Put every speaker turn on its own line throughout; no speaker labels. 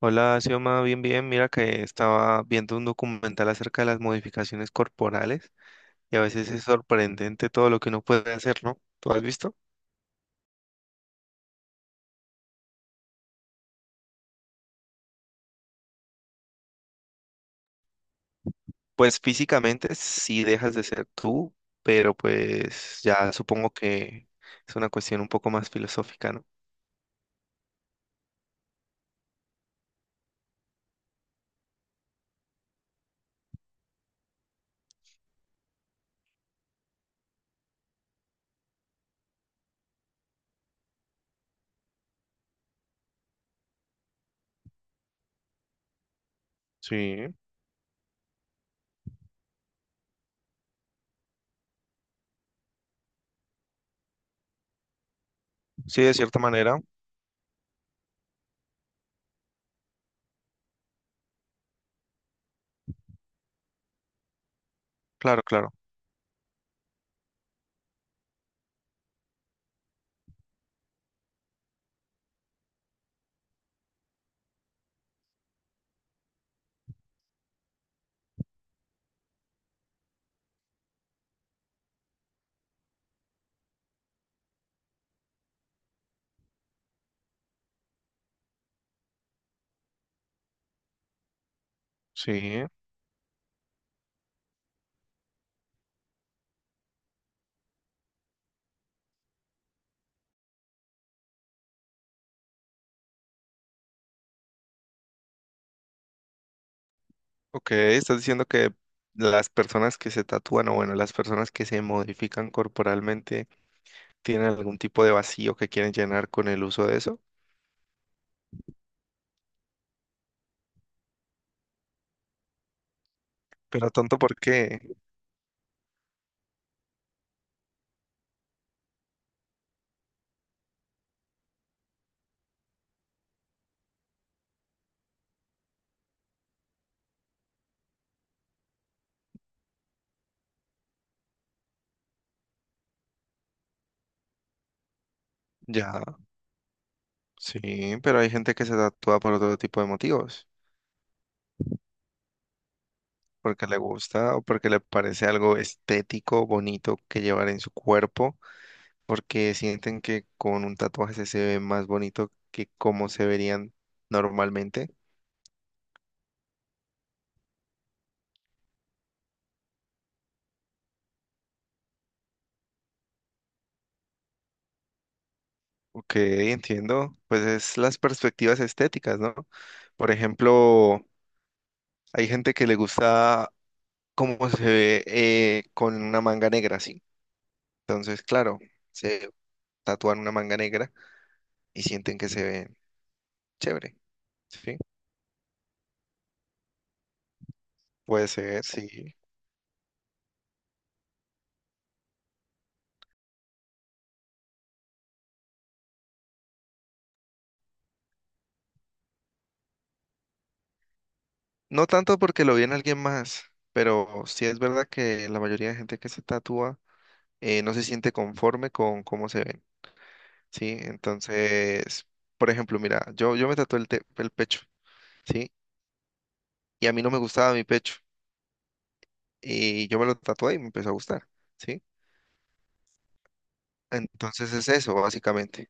Hola, Xioma, bien, bien. Mira que estaba viendo un documental acerca de las modificaciones corporales y a veces es sorprendente todo lo que uno puede hacer, ¿no? ¿Tú has visto? Pues físicamente sí dejas de ser tú, pero pues ya supongo que es una cuestión un poco más filosófica, ¿no? Sí, sí, de cierta manera. Claro, claro. Sí. Ok, estás diciendo que las personas que se tatúan o bueno, las personas que se modifican corporalmente tienen algún tipo de vacío que quieren llenar con el uso de eso. Pero tonto, ¿por qué? Ya, sí, pero hay gente que se tatúa por otro tipo de motivos, porque le gusta o porque le parece algo estético, bonito que llevar en su cuerpo, porque sienten que con un tatuaje se ve más bonito que como se verían normalmente. Ok, entiendo. Pues es las perspectivas estéticas, ¿no? Por ejemplo, hay gente que le gusta cómo se ve con una manga negra, sí. Entonces, claro, se tatúan una manga negra y sienten que se ven chévere, ¿sí? Puede ser, sí. No tanto porque lo en alguien más, pero sí es verdad que la mayoría de gente que se tatúa no se siente conforme con cómo se ven, ¿sí? Entonces, por ejemplo, mira, yo me tatué el, te- el pecho, ¿sí? Y a mí no me gustaba mi pecho, y yo me lo tatué y me empezó a gustar, ¿sí? Entonces es eso, básicamente.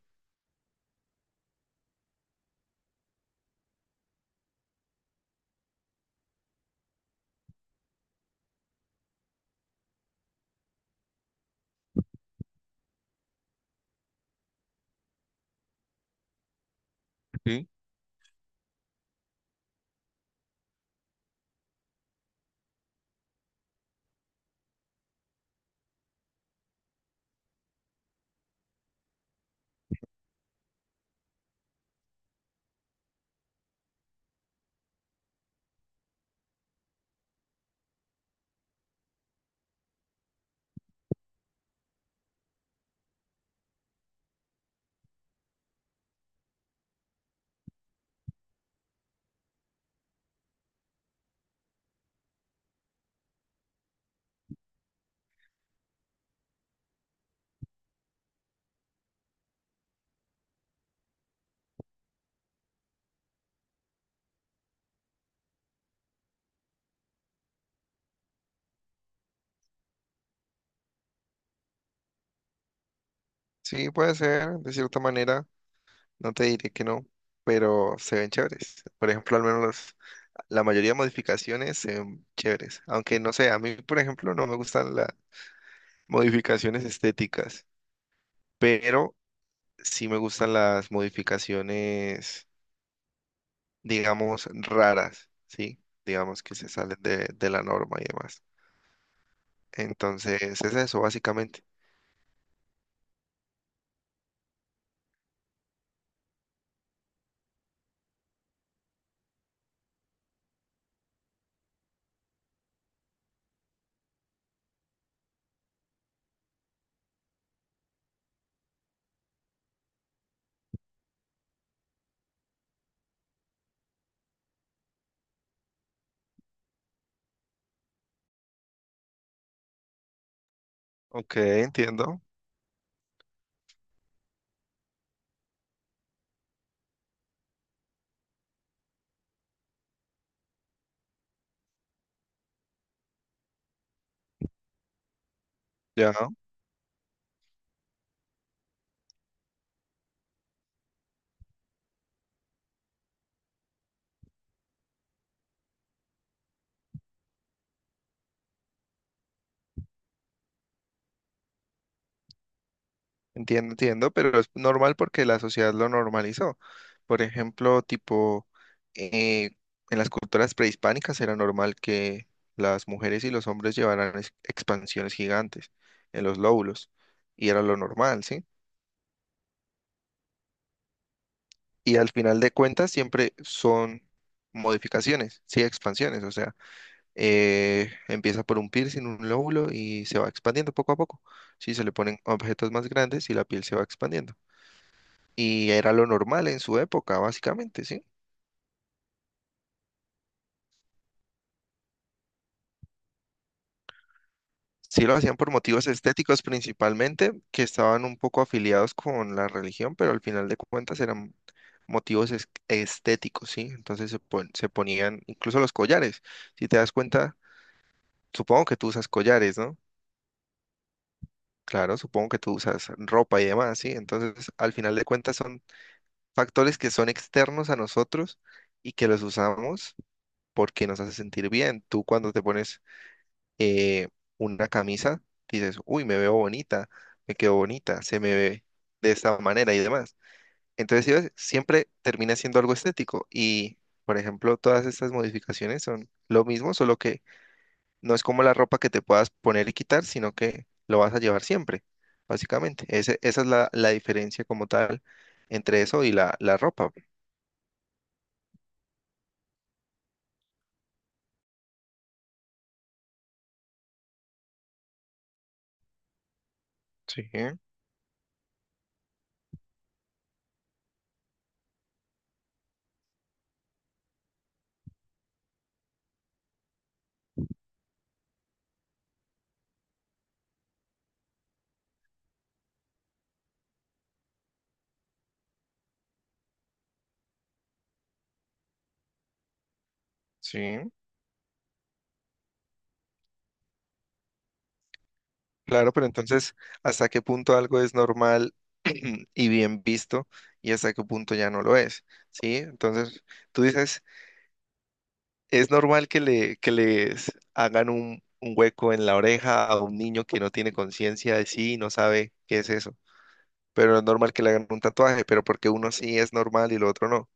Sí. Sí, puede ser, de cierta manera, no te diré que no, pero se ven chéveres. Por ejemplo, al menos la mayoría de modificaciones se ven chéveres. Aunque no sé, a mí, por ejemplo, no me gustan las modificaciones estéticas, pero sí me gustan las modificaciones, digamos, raras, ¿sí? Digamos que se salen de la norma y demás. Entonces, es eso, básicamente. Ok, entiendo. Ya. Entiendo, entiendo, pero es normal porque la sociedad lo normalizó. Por ejemplo, tipo, eh, en las culturas prehispánicas era normal que las mujeres y los hombres llevaran ex- expansiones gigantes en los lóbulos, y era lo normal, ¿sí? Y al final de cuentas siempre son modificaciones, sí, expansiones, o sea, empieza por un piercing, un lóbulo, y se va expandiendo poco a poco. Sí, se le ponen objetos más grandes y la piel se va expandiendo. Y era lo normal en su época, básicamente, ¿sí? Sí lo hacían por motivos estéticos principalmente, que estaban un poco afiliados con la religión, pero al final de cuentas eran motivos es- estéticos, ¿sí? Entonces se, pon- se ponían incluso los collares. Si te das cuenta, supongo que tú usas collares, ¿no? Claro, supongo que tú usas ropa y demás, ¿sí? Entonces, al final de cuentas son factores que son externos a nosotros y que los usamos porque nos hace sentir bien. Tú cuando te pones eh, una camisa, dices, uy, me veo bonita, me quedo bonita, se me ve de esta manera y demás. Entonces, ¿sí ves? Siempre termina siendo algo estético y, por ejemplo, todas estas modificaciones son lo mismo, solo que no es como la ropa que te puedas poner y quitar, sino que lo vas a llevar siempre, básicamente. Ese- esa es la diferencia como tal entre eso y la ropa. Sí, sí. Claro, pero entonces, ¿hasta qué punto algo es normal y bien visto y hasta qué punto ya no lo es? ¿Sí? Entonces, tú dices, ¿es normal que le, que les hagan un hueco en la oreja a un niño que no tiene conciencia de sí y no sabe qué es eso? Pero no es normal que le hagan un tatuaje, pero porque uno sí es normal y lo otro no.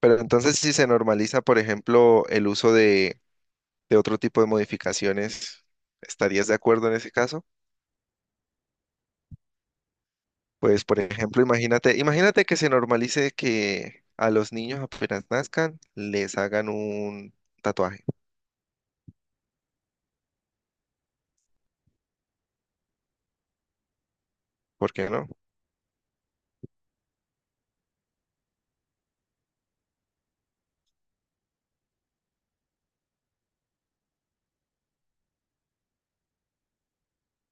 Pero entonces, si se normaliza, por ejemplo, el uso de otro tipo de modificaciones, ¿estarías de acuerdo en ese caso? Pues, por ejemplo, imagínate que se normalice que a los niños apenas nazcan les hagan un tatuaje. ¿Por qué no?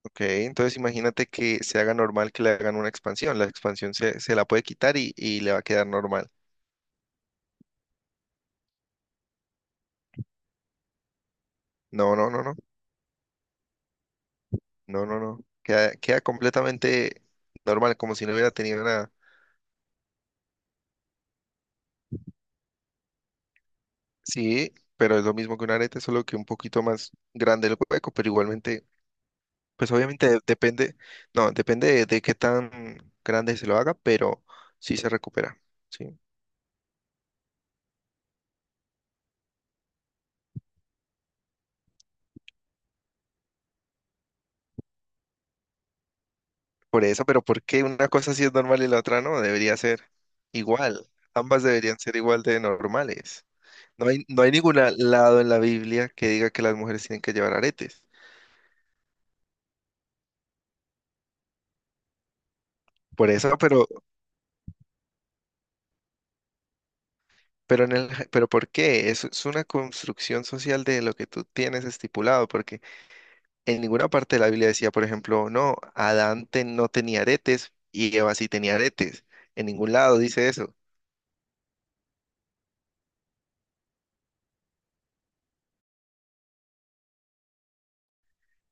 Ok, entonces imagínate que se haga normal que le hagan una expansión. La expansión se, se la puede quitar y le va a quedar normal. No, no, no, no, no. Queda, queda completamente normal, como si no hubiera tenido nada. Sí, pero es lo mismo que un arete, solo que un poquito más grande el hueco, pero igualmente pues obviamente de- depende, no, depende de qué tan grande se lo haga, pero sí se recupera, ¿sí? Por eso, pero ¿por qué una cosa sí es normal y la otra no? Debería ser igual. Ambas deberían ser igual de normales. No hay, no hay ningún lado en la Biblia que diga que las mujeres tienen que llevar aretes. Por eso, pero en el, pero ¿por qué? Es una construcción social de lo que tú tienes estipulado, porque en ninguna parte de la Biblia decía, por ejemplo, no, Adán te- no tenía aretes y Eva sí tenía aretes. En ningún lado dice eso.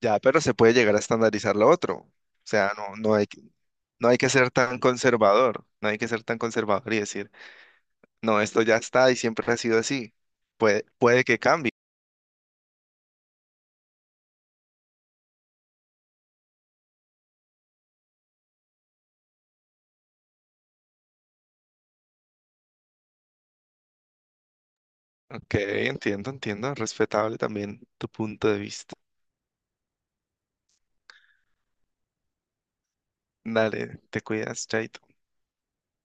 Ya, pero se puede llegar a estandarizar lo otro. O sea, no, no hay, que- no hay que ser tan conservador, no hay que ser tan conservador y decir, no, esto ya está y siempre ha sido así. Puede, puede que cambie. Ok, entiendo, entiendo. Respetable también tu punto de vista. Dale, te cuidas, Chaito.